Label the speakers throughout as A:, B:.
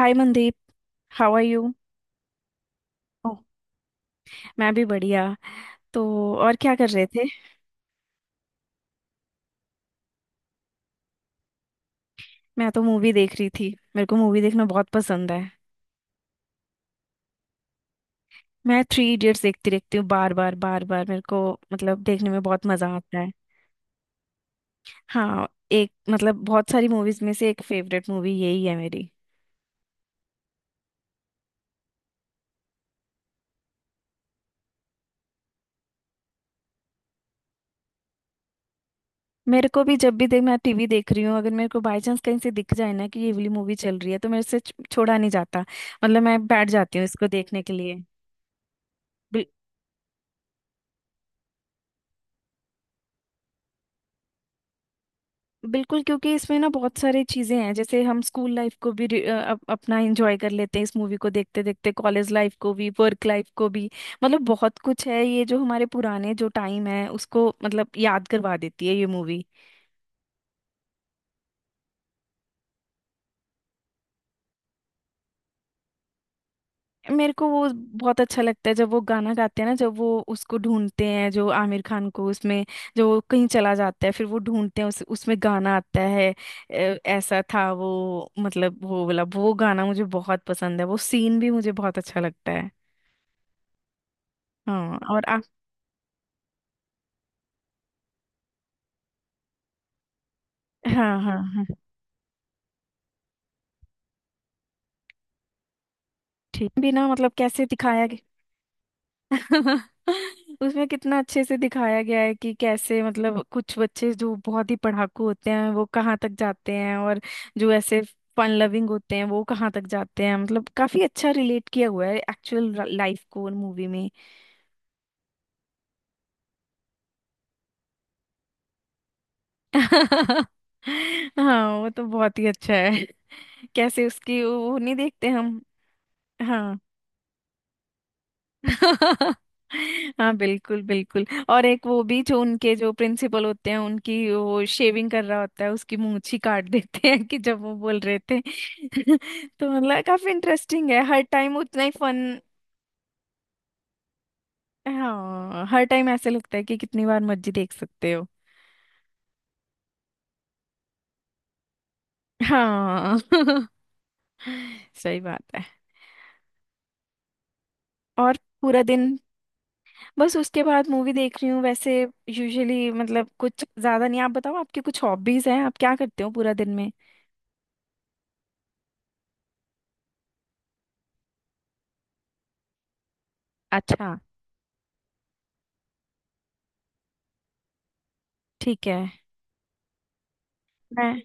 A: Hi Mandeep. How are you? Oh, मैं भी बढ़िया। तो और क्या कर रहे थे? मैं तो मूवी देख रही थी। मेरे को मूवी देखना बहुत पसंद है। मैं थ्री इडियट्स देखती रहती हूँ बार बार। मेरे को मतलब देखने में बहुत मजा आता है। हाँ, एक मतलब बहुत सारी मूवीज में से एक फेवरेट मूवी यही है मेरी। मेरे को भी जब भी देख, मैं टीवी देख रही हूँ, अगर मेरे को बाय चांस कहीं से दिख जाए ना कि ये वाली मूवी चल रही है तो मेरे से छोड़ा नहीं जाता। मतलब मैं बैठ जाती हूँ इसको देखने के लिए। बिल्कुल, क्योंकि इसमें ना बहुत सारी चीजें हैं। जैसे हम स्कूल लाइफ को भी अपना एंजॉय कर लेते हैं इस मूवी को देखते देखते, कॉलेज लाइफ को भी, वर्क लाइफ को भी। मतलब बहुत कुछ है। ये जो हमारे पुराने जो टाइम है उसको मतलब याद करवा देती है ये मूवी। मेरे को वो बहुत अच्छा लगता है जब वो गाना गाते हैं ना, जब वो उसको ढूंढते हैं, जो आमिर खान को उसमें, जो वो कहीं चला जाता है, फिर वो ढूंढते हैं, उस उसमें गाना आता है। ऐसा था वो, मतलब वो वाला वो गाना मुझे बहुत पसंद है, वो सीन भी मुझे बहुत अच्छा लगता है। हाँ। हाँ, हाँ, हाँ। ठीक भी ना, मतलब कैसे दिखाया गया। उसमें कितना अच्छे से दिखाया गया है कि कैसे, मतलब कुछ बच्चे जो बहुत ही पढ़ाकू होते हैं वो कहाँ तक जाते हैं, और जो ऐसे फन लविंग होते हैं वो कहाँ तक जाते हैं। मतलब काफी अच्छा रिलेट किया हुआ है एक्चुअल लाइफ को मूवी में। हाँ, वो तो बहुत ही अच्छा है। कैसे उसकी वो नहीं देखते हम। हाँ। हाँ, बिल्कुल बिल्कुल। और एक वो भी, जो उनके जो प्रिंसिपल होते हैं उनकी वो शेविंग कर रहा होता है, उसकी मूंछ ही काट देते हैं कि जब वो बोल रहे थे। तो मतलब काफी इंटरेस्टिंग है, हर टाइम उतना ही फन। हाँ, हर टाइम ऐसे लगता है कि कितनी बार मर्जी देख सकते हो। हाँ। सही बात है। और पूरा दिन बस उसके बाद मूवी देख रही हूँ वैसे। यूजुअली मतलब कुछ ज्यादा नहीं। आप बताओ, आपकी कुछ हॉबीज हैं? आप क्या करते हो पूरा दिन में? अच्छा, ठीक है। मैं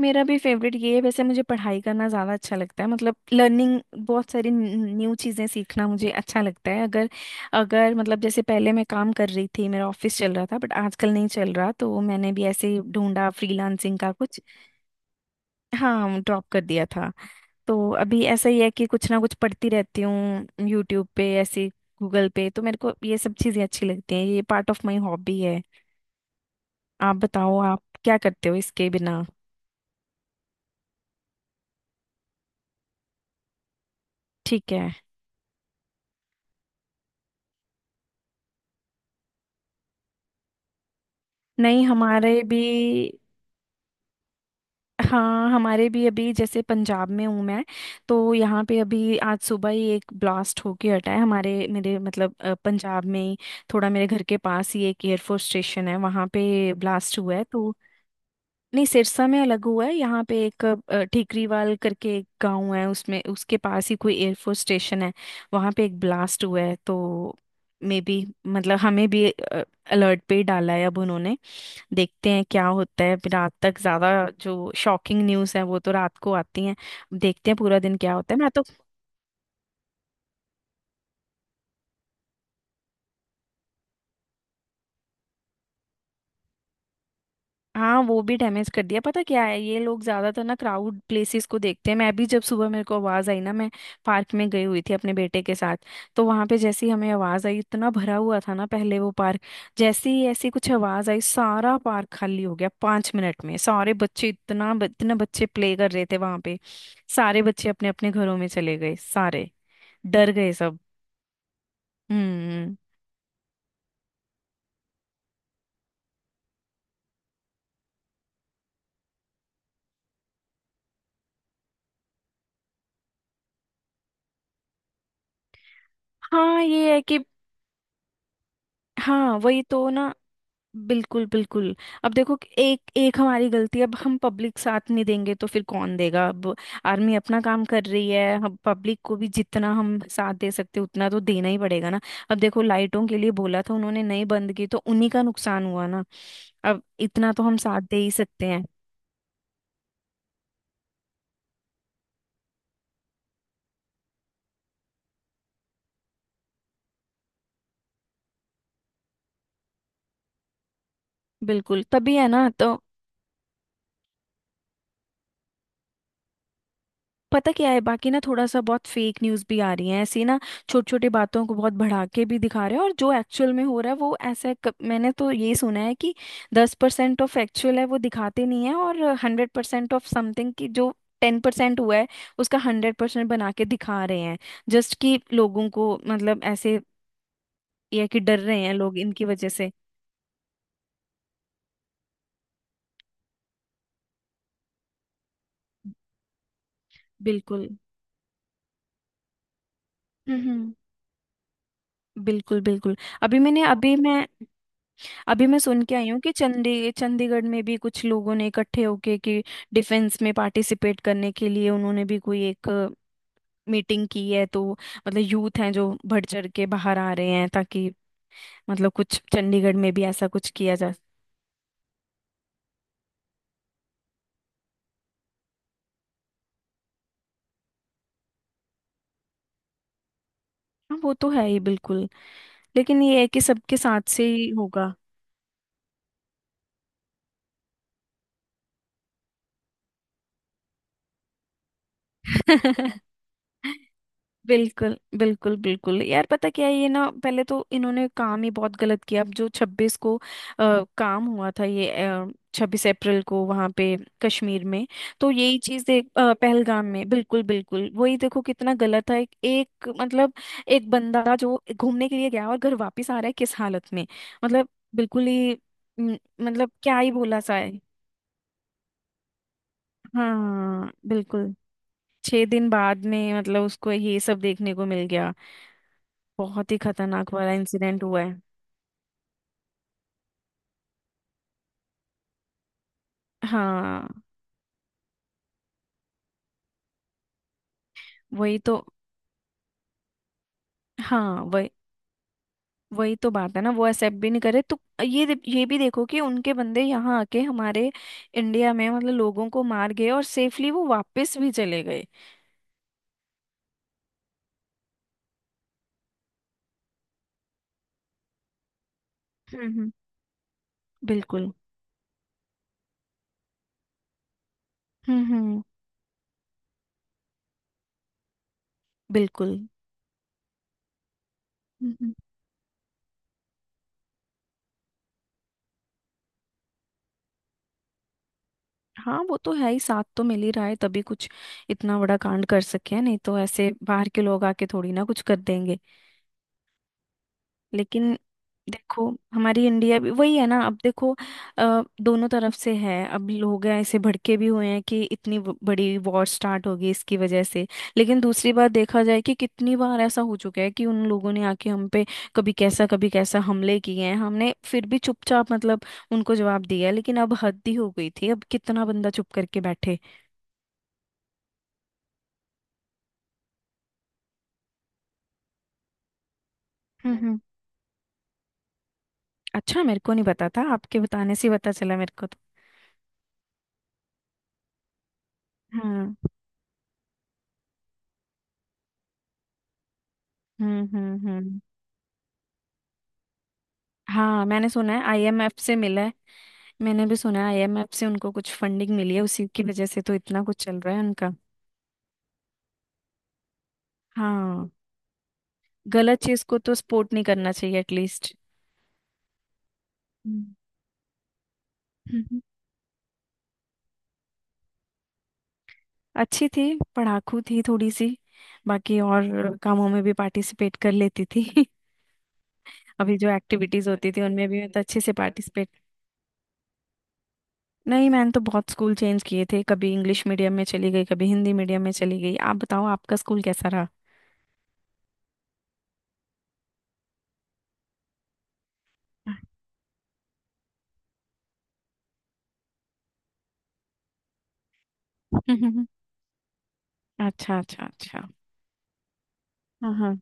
A: मेरा भी फेवरेट ये है। वैसे मुझे पढ़ाई करना ज़्यादा अच्छा लगता है, मतलब लर्निंग। बहुत सारी न्यू चीज़ें सीखना मुझे अच्छा लगता है। अगर अगर मतलब जैसे पहले मैं काम कर रही थी, मेरा ऑफिस चल रहा था, बट आजकल नहीं चल रहा, तो मैंने भी ऐसे ही ढूंढा फ्रीलांसिंग का कुछ। हाँ, ड्रॉप कर दिया था। तो अभी ऐसा ही है कि कुछ ना कुछ पढ़ती रहती हूँ यूट्यूब पे, ऐसे गूगल पे। तो मेरे को ये सब चीज़ें अच्छी लगती हैं, ये पार्ट ऑफ माई हॉबी है। आप बताओ आप क्या करते हो इसके बिना? ठीक है। नहीं, हमारे भी। हाँ, हमारे भी अभी, जैसे पंजाब में हूँ मैं। तो यहाँ पे अभी आज सुबह ही एक ब्लास्ट होके हटा है, हमारे मेरे मतलब पंजाब में ही। थोड़ा मेरे घर के पास ही एक एयरफोर्स स्टेशन है, वहाँ पे ब्लास्ट हुआ है तो। नहीं, सिरसा में अलग हुआ है। यहाँ पे एक ठीकरीवाल करके एक गाँव है, उसमें उसके पास ही कोई एयरफोर्स स्टेशन है। वहाँ पे एक ब्लास्ट हुआ है तो। मे बी मतलब हमें भी अलर्ट पे ही डाला है अब उन्होंने। देखते हैं क्या होता है फिर रात तक ज्यादा। जो शॉकिंग न्यूज है वो तो रात को आती है। अब देखते हैं पूरा दिन क्या होता है मैं तो। हाँ, वो भी डैमेज कर दिया। पता क्या है, ये लोग ज्यादातर ना क्राउड प्लेसेस को देखते हैं। मैं भी जब सुबह मेरे को आवाज आई ना, मैं पार्क में गई हुई थी अपने बेटे के साथ। तो वहां पे जैसे ही हमें आवाज आई, इतना भरा हुआ था ना पहले वो पार्क। जैसे ही ऐसी कुछ आवाज आई, सारा पार्क खाली हो गया 5 मिनट में। सारे बच्चे इतना इतने बच्चे प्ले कर रहे थे वहां पे, सारे बच्चे अपने अपने घरों में चले गए, सारे डर गए सब। हम्म। हाँ, ये है कि, हाँ वही तो ना। बिल्कुल बिल्कुल। अब देखो कि एक एक हमारी गलती है। अब हम पब्लिक साथ नहीं देंगे तो फिर कौन देगा अब? आर्मी अपना काम कर रही है, हम पब्लिक को भी जितना हम साथ दे सकते हैं उतना तो देना ही पड़ेगा ना। अब देखो, लाइटों के लिए बोला था, उन्होंने नहीं बंद की तो उन्हीं का नुकसान हुआ ना। अब इतना तो हम साथ दे ही सकते हैं। बिल्कुल, तभी है ना तो। पता क्या है, बाकी ना थोड़ा सा बहुत फेक न्यूज़ भी आ रही है ऐसी ना। छोटी छोटी बातों को बहुत बढ़ा के भी दिखा रहे हैं, और जो एक्चुअल में हो रहा है वो ऐसा मैंने तो ये सुना है कि 10% ऑफ एक्चुअल है वो दिखाते नहीं है, और 100% ऑफ समथिंग की जो 10% हुआ है उसका 100% बना के दिखा रहे हैं। जस्ट कि लोगों को मतलब ऐसे ये है कि डर रहे हैं लोग इनकी वजह से। बिल्कुल। हम्म। बिल्कुल बिल्कुल। अभी मैंने अभी मैं अभी मैं सुन के आई हूँ कि चंडीगढ़ में भी कुछ लोगों ने इकट्ठे होके, कि डिफेंस में पार्टिसिपेट करने के लिए उन्होंने भी कोई एक मीटिंग की है तो। मतलब यूथ हैं जो बढ़ चढ़ के बाहर आ रहे हैं, ताकि मतलब कुछ चंडीगढ़ में भी ऐसा कुछ किया जाए। हाँ, वो तो है ही बिल्कुल। लेकिन ये है कि सबके साथ से ही होगा। बिल्कुल बिल्कुल बिल्कुल यार, पता क्या है ये ना, पहले तो इन्होंने काम ही बहुत गलत किया। अब जो 26 को काम हुआ था, ये 26 अप्रैल को वहां पे कश्मीर में, तो यही चीज देख पहलगाम में, बिल्कुल बिल्कुल वही। देखो कितना गलत है, एक मतलब एक बंदा जो घूमने के लिए गया और घर वापस आ रहा है किस हालत में। मतलब बिल्कुल ही म, मतलब क्या ही बोला सा है। हाँ, बिल्कुल। 6 दिन बाद में मतलब उसको ये सब देखने को मिल गया। बहुत ही खतरनाक वाला इंसिडेंट हुआ है। हाँ वही तो हाँ वही वही तो बात है ना, वो एक्सेप्ट भी नहीं करे तो। ये भी देखो कि उनके बंदे यहाँ आके हमारे इंडिया में मतलब लोगों को मार गए और सेफली वो वापस भी चले गए। हम्म। बिल्कुल। हम्म। बिल्कुल। हम्म हम्म। हाँ, वो तो है ही, साथ तो मिल ही रहा है तभी कुछ इतना बड़ा कांड कर सके हैं। नहीं तो ऐसे बाहर के लोग आके थोड़ी ना कुछ कर देंगे। लेकिन देखो, हमारी इंडिया भी वही है ना। अब देखो दोनों तरफ से है, अब लोग हैं ऐसे भड़के भी हुए हैं कि इतनी बड़ी वॉर स्टार्ट होगी इसकी वजह से। लेकिन दूसरी बात देखा जाए कि कितनी बार ऐसा हो चुका है कि उन लोगों ने आके हम पे कभी कैसा कभी कैसा हमले किए हैं, हमने फिर भी चुपचाप मतलब उनको जवाब दिया है। लेकिन अब हद ही हो गई थी, अब कितना बंदा चुप करके बैठे? हम्म। अच्छा, मेरे को नहीं पता था, आपके बताने से ही पता चला मेरे को तो। हम्म हम्म। हाँ, मैंने सुना है आईएमएफ से मिला है। मैंने भी सुना है आईएमएफ से उनको कुछ फंडिंग मिली है, उसी की वजह से तो इतना कुछ चल रहा है उनका। हाँ, गलत चीज को तो सपोर्ट नहीं करना चाहिए एटलीस्ट। हम्म। अच्छी थी, पढ़ाकू थी थोड़ी सी। बाकी और कामों में भी पार्टिसिपेट कर लेती थी। अभी जो एक्टिविटीज होती थी उनमें भी मैं तो अच्छे से पार्टिसिपेट। नहीं, मैंने तो बहुत स्कूल चेंज किए थे। कभी इंग्लिश मीडियम में चली गई, कभी हिंदी मीडियम में चली गई। आप बताओ, आपका स्कूल कैसा रहा? अच्छा अच्छा अच्छा। हाँ हाँ,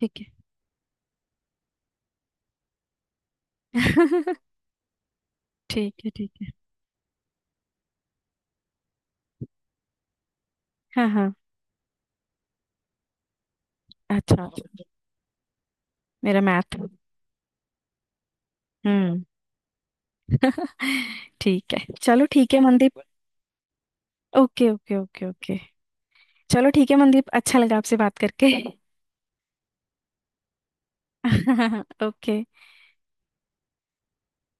A: ठीक है। ठीक है ठीक है। हाँ हाँ। अच्छा अच्छा। मेरा मैथ। हम्म। ठीक है, चलो ठीक है Mandeep. Okay okay okay okay. चलो ठीक है मनदीप, अच्छा लगा आपसे बात करके। ओके।